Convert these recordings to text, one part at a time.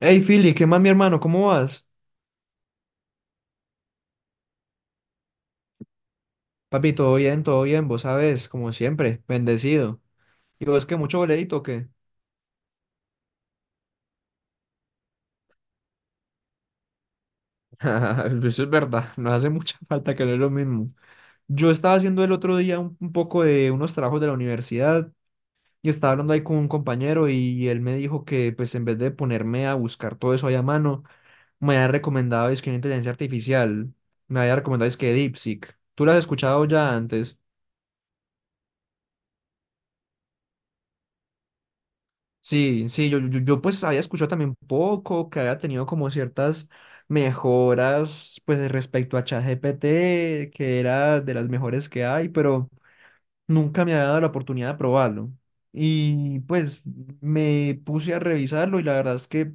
Hey, Philly, ¿qué más, mi hermano? ¿Cómo vas? Papi, todo bien, vos sabes, como siempre, bendecido. ¿Y vos que mucho boleíto o qué? Eso es verdad, nos hace mucha falta que no es lo mismo. Yo estaba haciendo el otro día un poco de unos trabajos de la universidad y estaba hablando ahí con un compañero y él me dijo que, pues, en vez de ponerme a buscar todo eso ahí a mano, me había recomendado es que una inteligencia artificial, me había recomendado es que DeepSeek. ¿Tú lo has escuchado ya antes? Sí, sí, yo, pues había escuchado también poco, que había tenido como ciertas mejoras pues respecto a ChatGPT, que era de las mejores que hay, pero nunca me había dado la oportunidad de probarlo. Y pues me puse a revisarlo y la verdad es que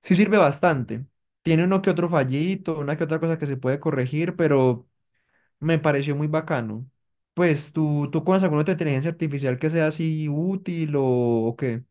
sí sirve bastante. Tiene uno que otro fallito, una que otra cosa que se puede corregir, pero me pareció muy bacano. ¿Pues tú conoces alguna otra inteligencia artificial que sea así útil o qué?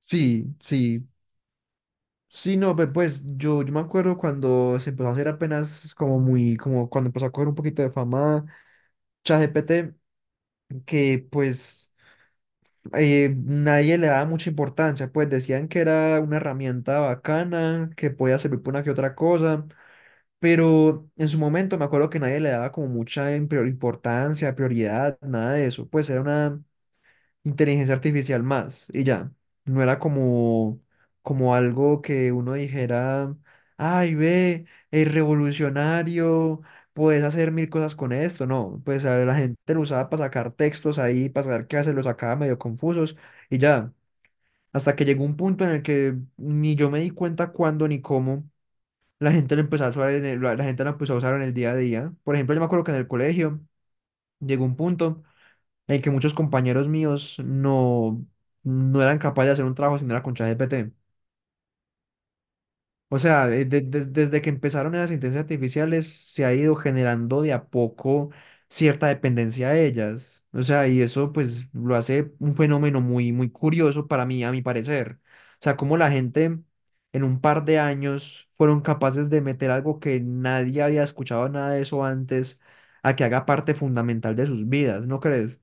Sí, sí. Sí, no, pues yo me acuerdo cuando se empezó a hacer apenas como cuando empezó a coger un poquito de fama ChatGPT, que pues nadie le daba mucha importancia, pues decían que era una herramienta bacana, que podía servir para una que otra cosa, pero en su momento me acuerdo que nadie le daba como mucha importancia, prioridad, nada de eso, pues era una inteligencia artificial más y ya. No era como algo que uno dijera, ay, ve, es revolucionario, puedes hacer mil cosas con esto. No, pues a la gente lo usaba para sacar textos ahí, para saber qué hacer, los sacaba medio confusos y ya. Hasta que llegó un punto en el que ni yo me di cuenta cuándo ni cómo la gente lo empezó a usar la gente lo empezó a usar en el día a día. Por ejemplo, yo me acuerdo que en el colegio llegó un punto en que muchos compañeros míos no, no eran capaces de hacer un trabajo si no era con ChatGPT. O sea, desde que empezaron esas inteligencias artificiales, se ha ido generando de a poco cierta dependencia a ellas. O sea, y eso pues lo hace un fenómeno muy, muy curioso para mí, a mi parecer. O sea, como la gente en un par de años fueron capaces de meter algo que nadie había escuchado nada de eso antes, a que haga parte fundamental de sus vidas, ¿no crees?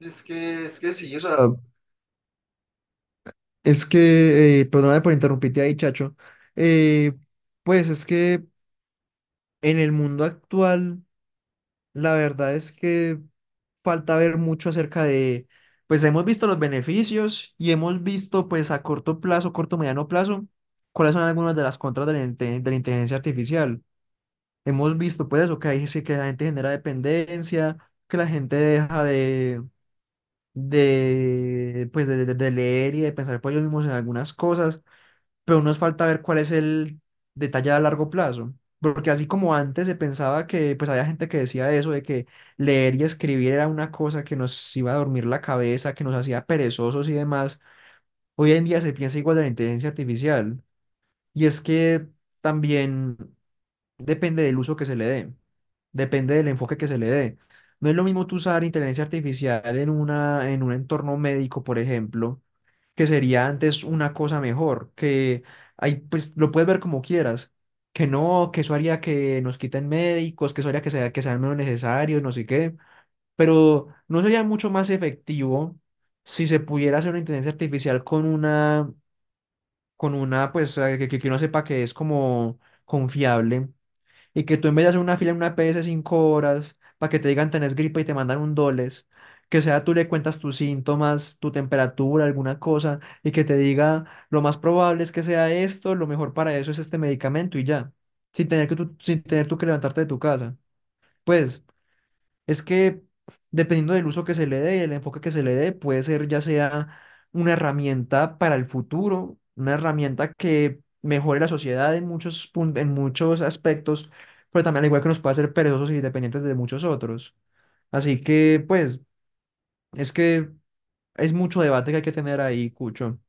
Es que sí, o sea, es que, perdóname por interrumpirte ahí, Chacho. Eh, pues es que en el mundo actual, la verdad es que falta ver mucho acerca de, pues hemos visto los beneficios y hemos visto pues a corto plazo, corto, mediano plazo, cuáles son algunas de las contras de la inteligencia artificial. Hemos visto pues eso, que ahí sí que la gente genera dependencia, que la gente deja de, pues, de leer y de pensar por ellos mismos en algunas cosas, pero nos falta ver cuál es el detalle a largo plazo. Porque así como antes se pensaba que, pues había gente que decía eso, de que leer y escribir era una cosa que nos iba a dormir la cabeza, que nos hacía perezosos y demás, hoy en día se piensa igual de la inteligencia artificial. Y es que también depende del uso que se le dé, depende del enfoque que se le dé. No es lo mismo tú usar inteligencia artificial en una, en un entorno médico, por ejemplo, que sería antes una cosa mejor, que ahí pues lo puedes ver como quieras, que no, que eso haría que nos quiten médicos, que eso haría que sea, que sean menos necesarios, no sé qué, pero no sería mucho más efectivo si se pudiera hacer una inteligencia artificial con una, pues que uno sepa que es como confiable, y que tú en vez de hacer una fila en una PS 5 horas para que te digan tenés gripa y te mandan un doles, que sea tú le cuentas tus síntomas, tu temperatura, alguna cosa, y que te diga lo más probable es que sea esto, lo mejor para eso es este medicamento y ya, sin tener que tú, sin tener tú que levantarte de tu casa. Pues es que dependiendo del uso que se le dé y el enfoque que se le dé, puede ser ya sea una herramienta para el futuro, una herramienta que mejore la sociedad en muchos en muchos aspectos, pero también al igual que nos puede hacer perezosos y dependientes de muchos otros. Así que, pues, es que es mucho debate que hay que tener ahí, Cucho.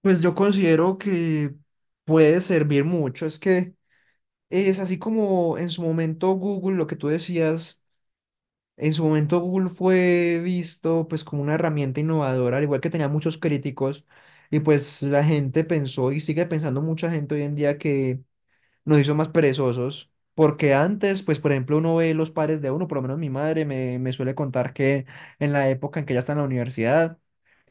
Pues yo considero que puede servir mucho. Es que es así como en su momento Google, lo que tú decías. En su momento Google fue visto pues como una herramienta innovadora, al igual que tenía muchos críticos, y pues la gente pensó y sigue pensando mucha gente hoy en día que nos hizo más perezosos, porque antes pues por ejemplo uno ve los padres de uno, por lo menos mi madre me suele contar que en la época en que ella está en la universidad,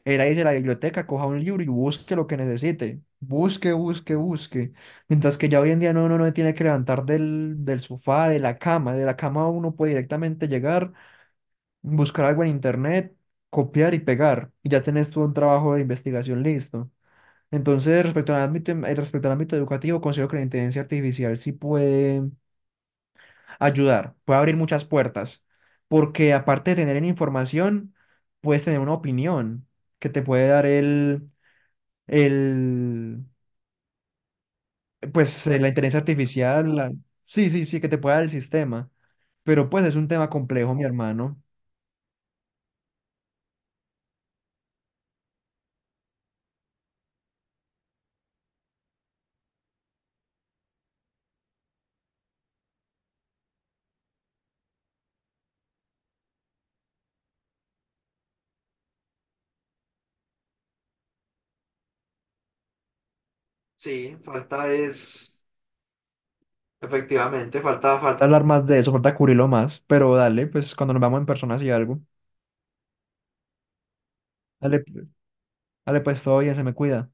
era irse a la biblioteca, coja un libro y busque lo que necesite, busque, busque, busque, mientras que ya hoy en día no, uno no tiene que levantar del sofá, de la cama, uno puede directamente llegar, buscar algo en internet, copiar y pegar, y ya tenés todo un trabajo de investigación listo. Entonces, respecto al ámbito, respecto al ámbito educativo, considero que la inteligencia artificial sí puede ayudar, puede abrir muchas puertas, porque aparte de tener información, puedes tener una opinión que te puede dar el, pues, la inteligencia artificial, sí, sí, sí, que te puede dar el sistema, pero pues es un tema complejo, mi hermano. Sí, falta es. Efectivamente, falta, falta hablar más de eso, falta cubrirlo más, pero dale, pues cuando nos vamos en persona y algo. Dale, dale pues todo bien, se me cuida.